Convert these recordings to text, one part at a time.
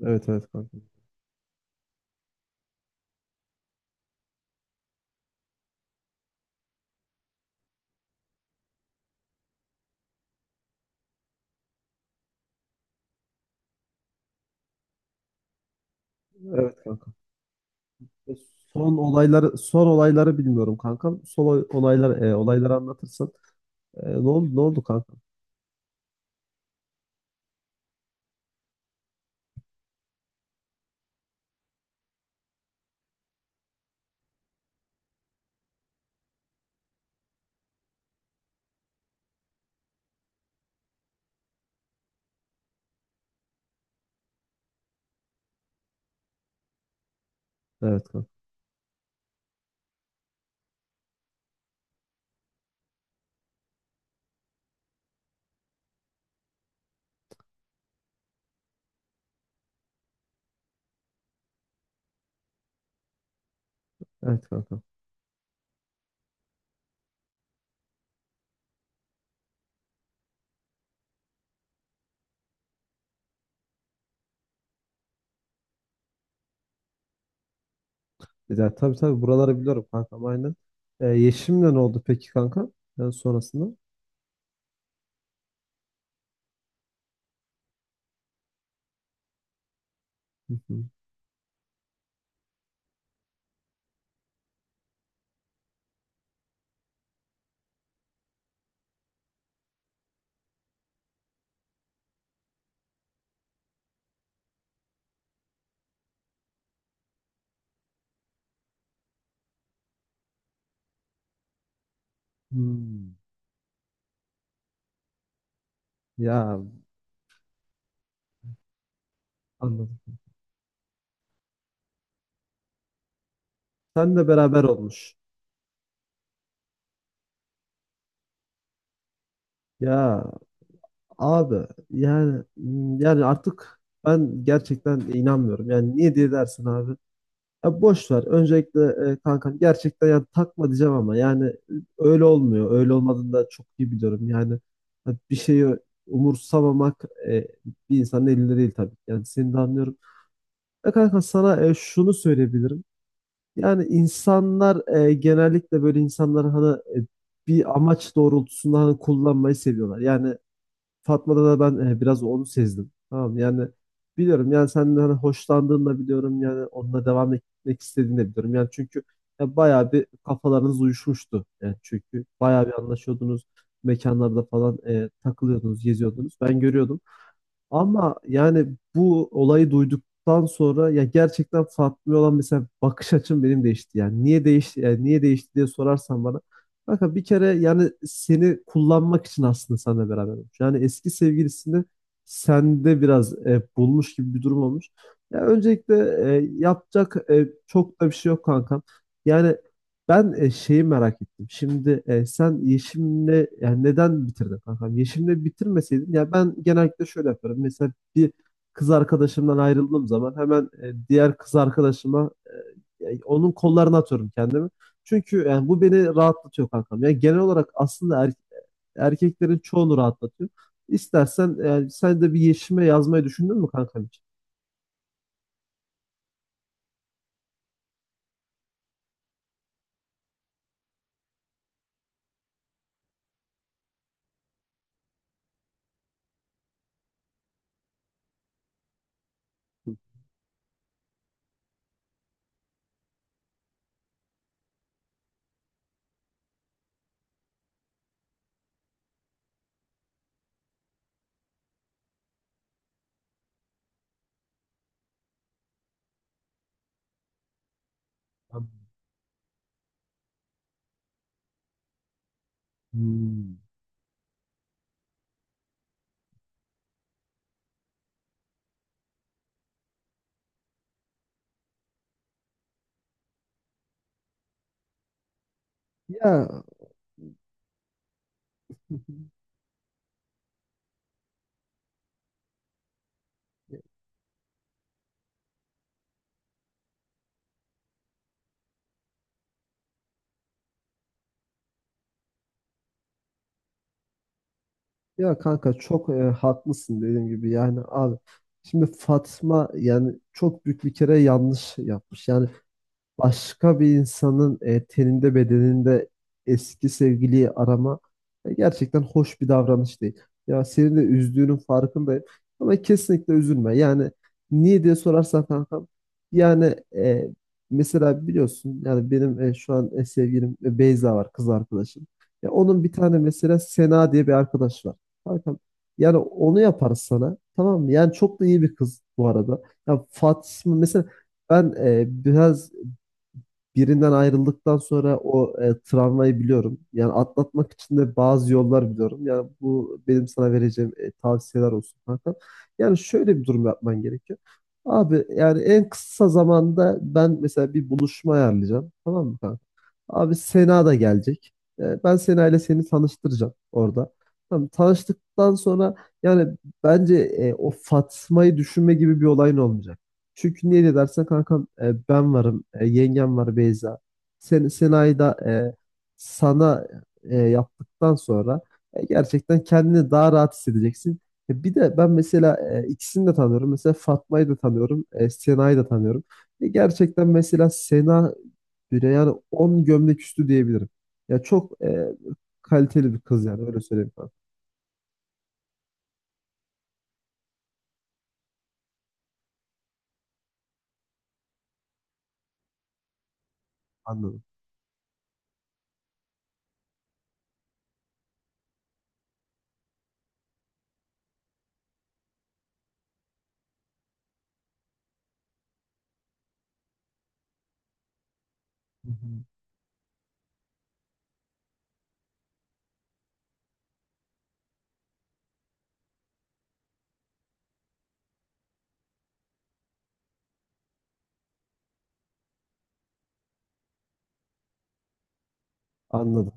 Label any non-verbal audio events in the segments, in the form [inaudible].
Evet, evet kanka. Evet kanka. E, Son olayları son olayları bilmiyorum kankam. Olaylar olayları anlatırsan. Ne oldu ne oldu kanka? Evet kanka. Evet kanka. Ya, tabii, tabii buraları biliyorum kankam, aynen. Yeşim'le ne oldu peki kanka? Sonrasında? Hı hı. Hmm. Ya, anladım. Senle beraber olmuş. Ya abi, yani yani artık ben gerçekten inanmıyorum. Yani niye diye dersin abi? Ya boş ver. Öncelikle kankam, gerçekten yani takma diyeceğim ama yani öyle olmuyor. Öyle olmadığını da çok iyi biliyorum. Yani ha, bir şeyi umursamamak bir insanın elinde değil tabii. Yani seni de anlıyorum. Ya kanka, sana şunu söyleyebilirim. Yani insanlar genellikle böyle insanlar hani bir amaç doğrultusunda hani kullanmayı seviyorlar. Yani Fatma'da da ben biraz onu sezdim. Tamam mı? Yani biliyorum yani senden hani hoşlandığını da biliyorum, yani onunla devam etmek istediğini de biliyorum. Yani çünkü ya bayağı bir kafalarınız uyuşmuştu. Yani çünkü bayağı bir anlaşıyordunuz. Mekanlarda falan takılıyordunuz, geziyordunuz. Ben görüyordum. Ama yani bu olayı duyduktan sonra ya gerçekten Fatma'ya olan mesela bakış açım benim değişti. Yani niye değişti yani niye değişti diye sorarsan bana. Kanka, bir kere yani seni kullanmak için aslında seninle beraber olmuş. Yani eski sevgilisini sende biraz bulmuş gibi bir durum olmuş. Ya öncelikle yapacak çok da bir şey yok kankam. Yani ben şeyi merak ettim. Şimdi sen Yeşim'le yani neden bitirdin kankam? Yeşim'le bitirmeseydin, ya ben genellikle şöyle yaparım. Mesela bir kız arkadaşımdan ayrıldığım zaman hemen diğer kız arkadaşıma yani onun kollarına atıyorum kendimi. Çünkü yani bu beni rahatlatıyor kankam. Yani genel olarak aslında erkeklerin çoğunu rahatlatıyor. İstersen yani sen de bir Yeşim'e yazmayı düşündün mü kankam için? Hmm. Ya [laughs] ya kanka, çok haklısın. Dediğim gibi yani abi, şimdi Fatma yani çok büyük bir kere yanlış yapmış. Yani başka bir insanın teninde, bedeninde eski sevgiliyi arama gerçekten hoş bir davranış değil. Ya senin de üzdüğünün farkındayım ama kesinlikle üzülme. Yani niye diye sorarsan kankam, yani mesela biliyorsun yani benim şu an sevgilim Beyza var, kız arkadaşım. Ya onun bir tane mesela Sena diye bir arkadaş var. Kankam, yani onu yaparız sana, tamam mı? Yani çok da iyi bir kız bu arada. Ya Fatma mesela, ben biraz birinden ayrıldıktan sonra o travmayı biliyorum. Yani atlatmak için de bazı yollar biliyorum. Yani bu benim sana vereceğim tavsiyeler olsun kanka. Yani şöyle bir durum yapman gerekiyor. Abi, yani en kısa zamanda ben mesela bir buluşma ayarlayacağım. Tamam mı kanka? Abi, Sena da gelecek. Ben Sena ile seni tanıştıracağım orada. Tamam, tanıştıktan sonra yani bence o Fatma'yı düşünme gibi bir olayın olmayacak. Çünkü niye de dersen kankam, ben varım, yengem var, Beyza. Sen, Sena'yı da sana yaptıktan sonra gerçekten kendini daha rahat hissedeceksin. Bir de ben mesela ikisini de tanıyorum. Mesela Fatma'yı da tanıyorum, Sena'yı da tanıyorum. Gerçekten mesela Sena düğüne. Yani 10 gömlek üstü diyebilirim. Ya çok kaliteli bir kız, yani öyle söyleyeyim ben. Anladım. Hı hı. Anladım.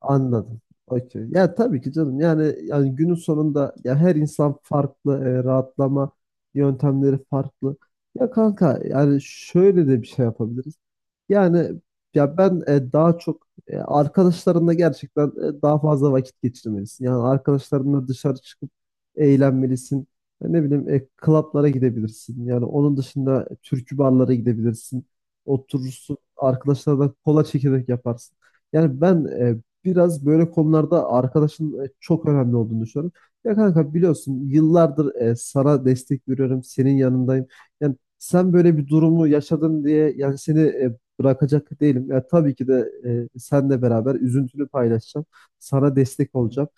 Anladım. Okey. Ya tabii ki canım. Yani yani günün sonunda ya her insan farklı, rahatlama yöntemleri farklı. Ya kanka, yani şöyle de bir şey yapabiliriz. Yani ya ben daha çok arkadaşlarınla gerçekten daha fazla vakit geçirmelisin. Yani arkadaşlarınla dışarı çıkıp eğlenmelisin. Ya ne bileyim, klaplara gidebilirsin. Yani onun dışında türkü barlara gidebilirsin. Oturursun, arkadaşlarla kola çekirdek yaparsın. Yani ben biraz böyle konularda arkadaşın çok önemli olduğunu düşünüyorum. Ya kanka, biliyorsun yıllardır sana destek veriyorum, senin yanındayım. Yani sen böyle bir durumu yaşadın diye yani seni bırakacak değilim. Ya tabii ki de senle beraber üzüntünü paylaşacağım. Sana destek olacağım,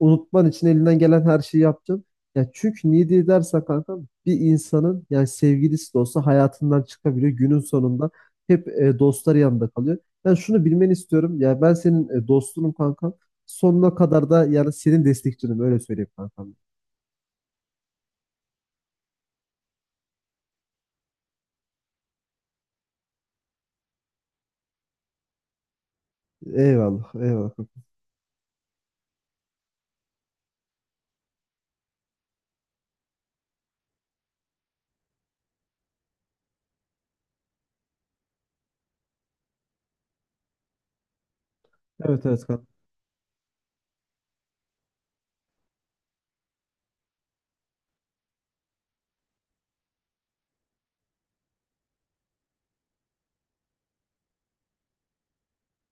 unutman için elinden gelen her şeyi yapacağım. Ya çünkü niye diye dersen kanka, bir insanın yani sevgilisi de olsa hayatından çıkabiliyor. Günün sonunda hep dostları yanında kalıyor. Ben şunu bilmeni istiyorum. Ya ben senin dostunum kankam. Sonuna kadar da yani senin destekçinim, öyle söyleyeyim kankam. Eyvallah, eyvallah. Evet, evet kankam.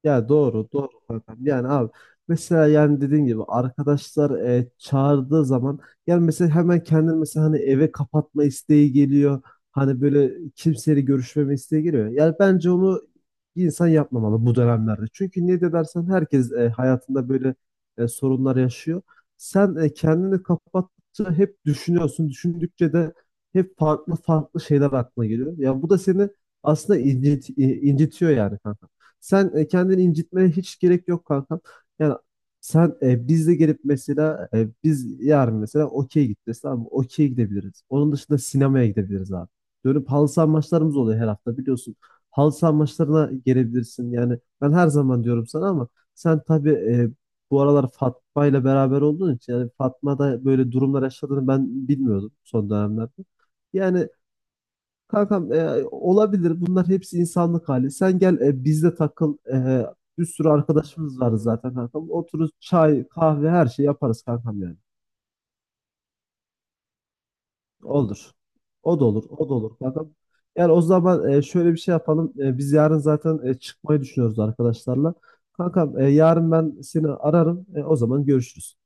Ya doğru, doğru kankam. Yani abi, mesela yani dediğin gibi arkadaşlar çağırdığı zaman yani mesela hemen kendini mesela hani eve kapatma isteği geliyor. Hani böyle kimseyle görüşmeme isteği geliyor. Yani bence onu bir insan yapmamalı bu dönemlerde. Çünkü ne de dersen herkes hayatında böyle sorunlar yaşıyor. Sen kendini kapattıkça hep düşünüyorsun. Düşündükçe de hep farklı farklı şeyler aklına geliyor. Ya bu da seni aslında incitiyor yani kanka. Sen kendini incitmeye hiç gerek yok kankam. Yani sen bizle gelip mesela, biz yarın mesela okey gideceğiz, tamam mı? Okey gidebiliriz. Onun dışında sinemaya gidebiliriz abi. Dönüp halı saha maçlarımız oluyor her hafta, biliyorsun. Halı saha maçlarına gelebilirsin. Yani ben her zaman diyorum sana ama sen tabii bu aralar Fatma ile beraber olduğun için yani Fatma da böyle durumlar yaşadığını ben bilmiyordum son dönemlerde. Yani kankam, olabilir. Bunlar hepsi insanlık hali. Sen gel bizde takıl. Bir sürü arkadaşımız var zaten kankam. Otururuz, çay, kahve her şeyi yaparız kankam yani. Olur. O da olur. O da olur kankam. Yani o zaman şöyle bir şey yapalım. Biz yarın zaten çıkmayı düşünüyoruz arkadaşlarla. Kankam, yarın ben seni ararım. O zaman görüşürüz.